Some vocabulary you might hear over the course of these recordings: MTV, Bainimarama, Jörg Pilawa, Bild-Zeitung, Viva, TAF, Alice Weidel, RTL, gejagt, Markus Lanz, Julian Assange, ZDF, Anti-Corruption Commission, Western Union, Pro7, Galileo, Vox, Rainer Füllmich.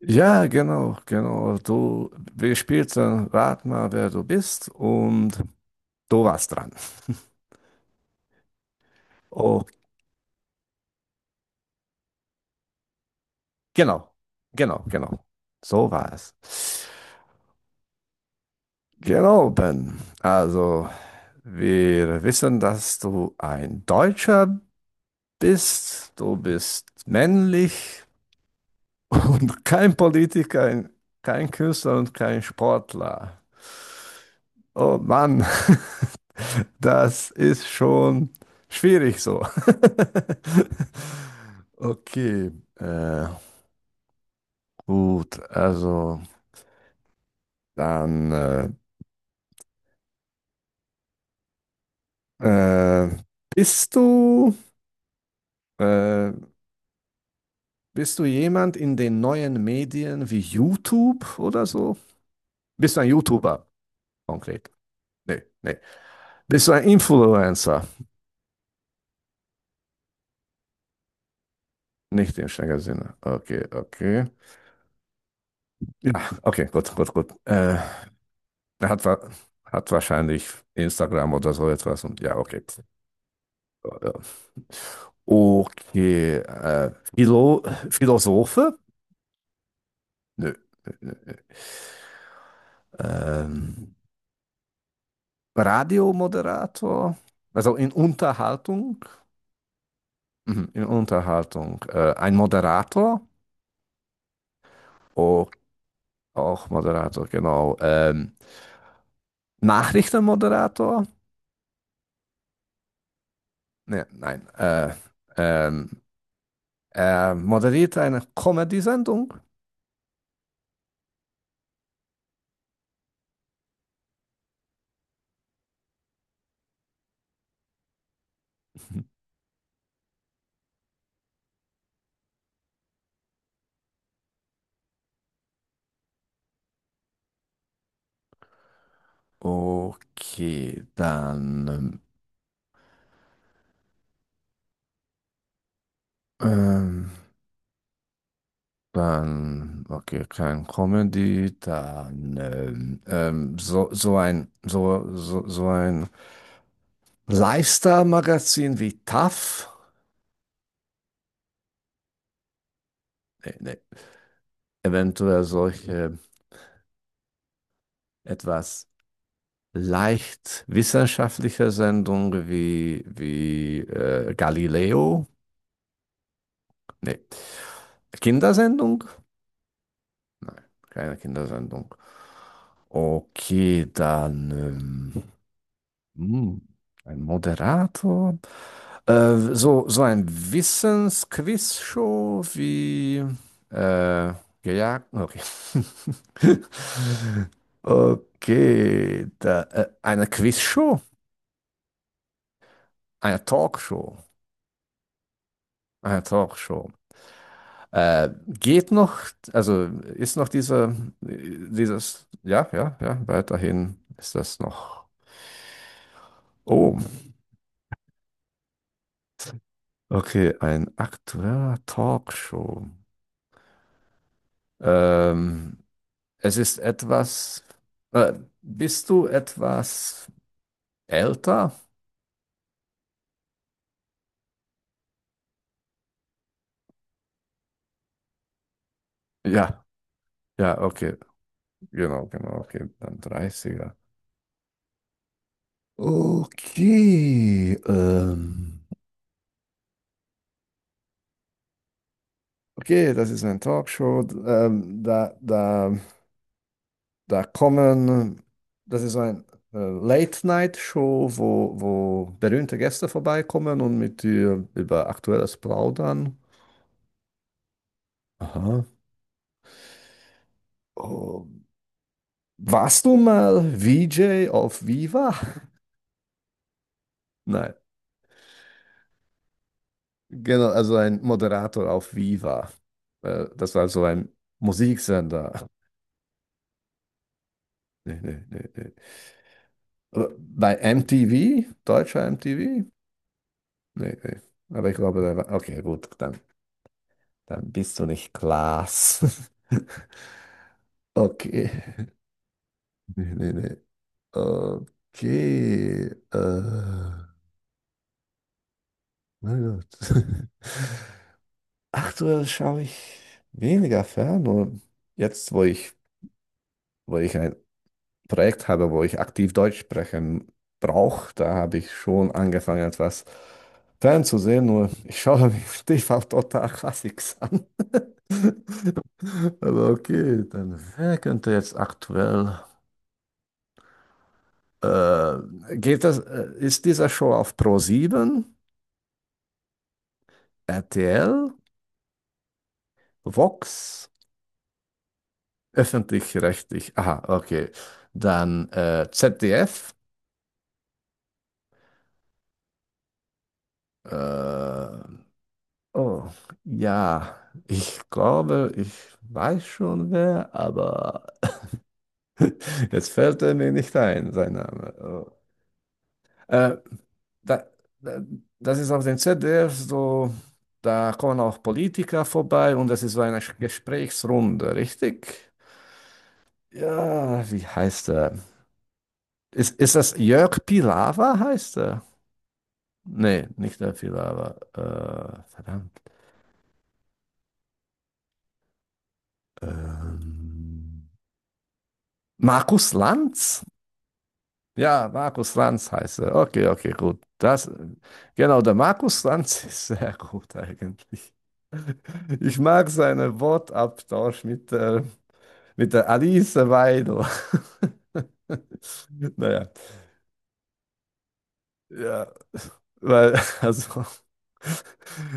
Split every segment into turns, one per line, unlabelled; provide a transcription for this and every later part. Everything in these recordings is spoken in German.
Ja, genau, genau. Du, wir spielten Rat mal, wer du bist und du warst dran. Oh, genau, genau, genau. So war es. Genau, Ben. Also, wir wissen, dass du ein Deutscher bist. Du bist männlich und kein Politiker, kein Künstler und kein Sportler. Oh Mann. Das ist schon schwierig so. Okay, äh, gut, also dann äh, äh, bist du äh, bist du jemand in den neuen Medien wie YouTube oder so? Bist du ein YouTuber konkret? Nee, nee. Bist du ein Influencer? Nicht im strengen Sinne. Okay, okay. Ja, okay, gut, gut, gut. Er hat, hat wahrscheinlich Instagram oder so etwas und ja, okay. Ja. Okay. Philosophe? Nö, nö, nö, nö. Ähm, Radiomoderator? Also in Unterhaltung? Mhm, in Unterhaltung. Ein Moderator? Oh, auch Moderator, genau. Nachrichtenmoderator? Ne, nein. Ähm, Er moderiert eine Comedy-Sendung? Okay, dann. Ähm, Dann, okay, kein Comedy, dann so, so ein Lifestyle-Magazin wie TAF, nee, nee. Eventuell solche etwas leicht wissenschaftliche Sendungen wie Galileo, nee. Kindersendung? Nein, keine Kindersendung. Okay, dann hm, ein Moderator. So ein Wissensquiz-Show wie äh, gejagt. Okay. Okay, da, eine Quizshow, eine Talkshow, eine Talkshow. Geht noch, also ist noch dieser, dieses, ja, ja, ja, weiterhin ist das noch. Oh, okay, ein aktueller Talkshow. Ähm, Es ist etwas. Äh, bist du etwas älter? Ja, ja, okay. Genau, genau, okay. Dann dreißiger. Okay. Okay, das ist eine Talkshow. Da kommen. Das ist ein Late-Night-Show, wo berühmte Gäste vorbeikommen und mit dir über Aktuelles plaudern. Aha. Oh, warst du mal VJ auf Viva? Nein, genau, also ein Moderator auf Viva. Das war so ein Musiksender. Nee, nee, nee, nee. Aber bei MTV, deutscher MTV? Nee, nee. Aber ich glaube, der war. Okay, gut, dann, dann bist du nicht Klaas. Okay. Nee, nee, nee. Okay. Mein Gott. Aktuell schaue ich weniger fern. Und jetzt, wo ich ein Projekt habe, wo ich aktiv Deutsch sprechen brauche, da habe ich schon angefangen, etwas fernzusehen. Nur ich schaue mich stief auf Total Classics an. Aber okay, dann wer könnte jetzt aktuell. Äh, geht das, ist diese Show auf Pro 7, RTL, Vox, öffentlich-rechtlich? Aha, okay. Dann ZDF. Äh, Oh, ja, ich glaube, ich weiß schon wer, aber jetzt fällt er mir nicht ein, sein Name. Oh. Äh, da, da, das ist auf dem ZDF so, da kommen auch Politiker vorbei und das ist so eine Gesprächsrunde, richtig? Ja, wie heißt er? Ist das Jörg Pilawa, heißt er? Nee, nicht der Pilawa. Verdammt. Ähm, Markus Lanz? Ja, Markus Lanz heißt er. Okay, okay, gut. Das, genau, der Markus Lanz ist sehr gut eigentlich. Ich mag seinen Wortabtausch mit der Alice Weidel. Naja, ja, weil, also,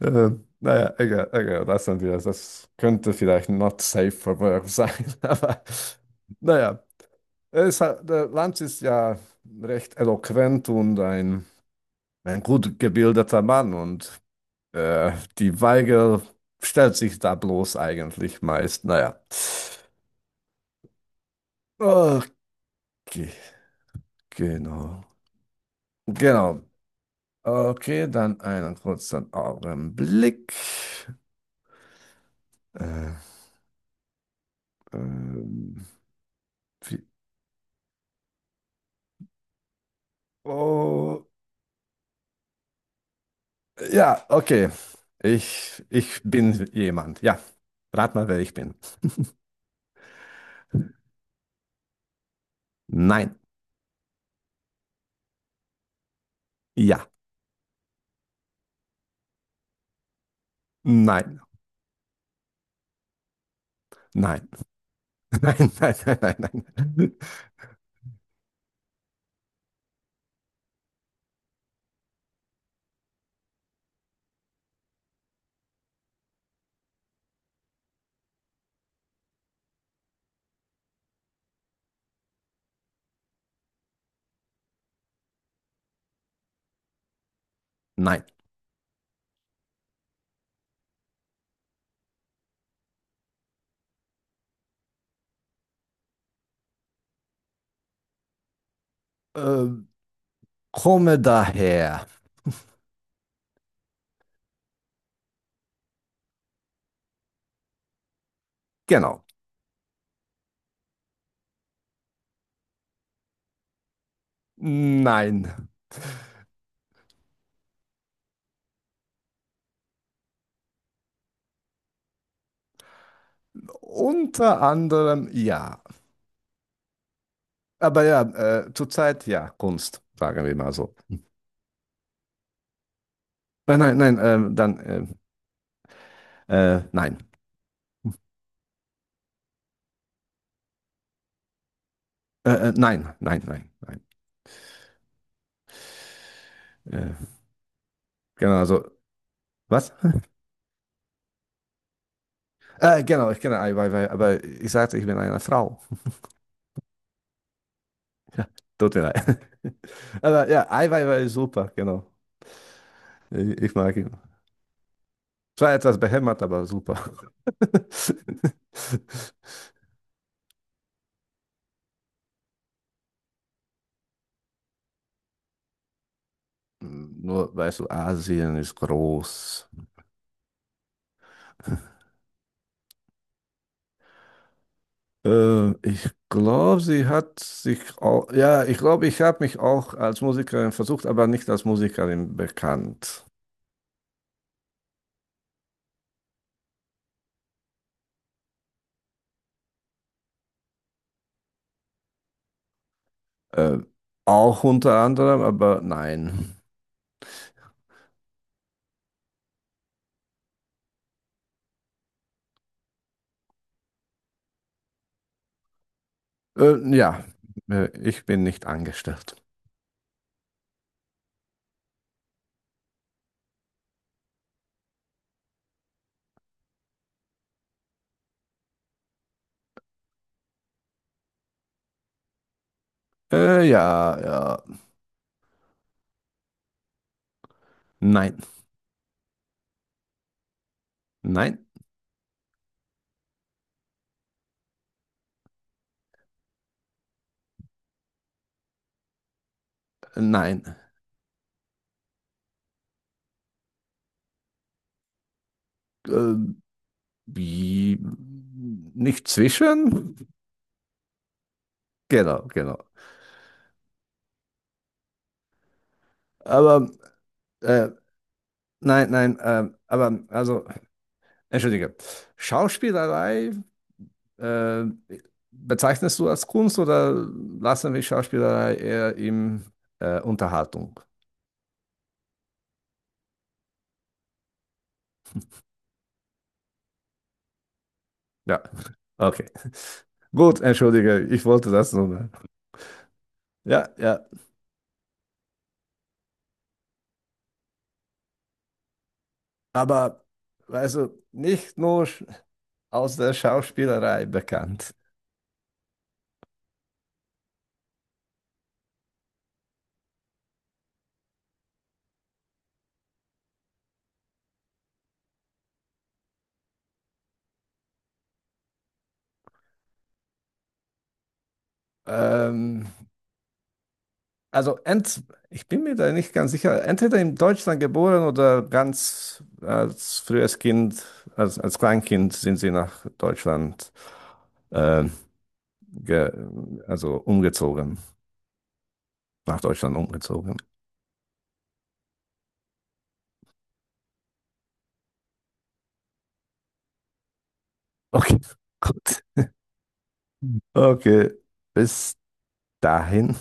äh, naja, egal, egal, lassen wir das. Das könnte vielleicht not safe for work sein, aber naja, es hat, der Lanz ist ja recht eloquent und ein gut gebildeter Mann und die Weige stellt sich da bloß eigentlich meist. Naja. Okay, genau. Genau. Okay, dann einen kurzen Augenblick. Äh, ähm, Wie, oh, ja, okay. Ich bin jemand. Ja, rat mal, wer ich bin. Nein. Ja. Nein. Nein. Nein, nein, nein, nein, nein. Nein. Äh, komme daher. Genau. Nein. Unter anderem ja. Aber ja, zurzeit ja, Kunst, sagen wir mal so. Nein, nein, nein, nein. Nein, nein, nein, nein. Äh, genau, also, was? Genau, ich kenne Eiweiß, aber ich sagte, ich bin eine Frau. Ja, tut mir leid. Aber ja, Eiweiß ist super, genau. Ich mag ihn. Zwar etwas behämmert, aber super. Nur, weißt du, Asien ist groß. Ich glaube, sie hat sich auch, ja, ich glaube, ich habe mich auch als Musikerin versucht, aber nicht als Musikerin bekannt. Äh, auch unter anderem, aber nein. Ja, ich bin nicht angestellt. Ja, ja, nein, nein, nein. Äh, wie, nicht zwischen? Genau, genau. Aber, äh, nein, nein, aber also. Entschuldige, Schauspielerei, äh, bezeichnest du als Kunst oder lassen wir Schauspielerei eher im Unterhaltung? Ja, okay. Gut, entschuldige, ich wollte das nur. Ja, ja, aber weißt du, nicht nur aus der Schauspielerei bekannt. Ähm, also ent, ich bin mir da nicht ganz sicher, entweder in Deutschland geboren oder ganz als frühes Kind, als Kleinkind sind sie nach Deutschland äh, ge, also umgezogen, nach Deutschland umgezogen. Okay, gut. Okay, bis dahin.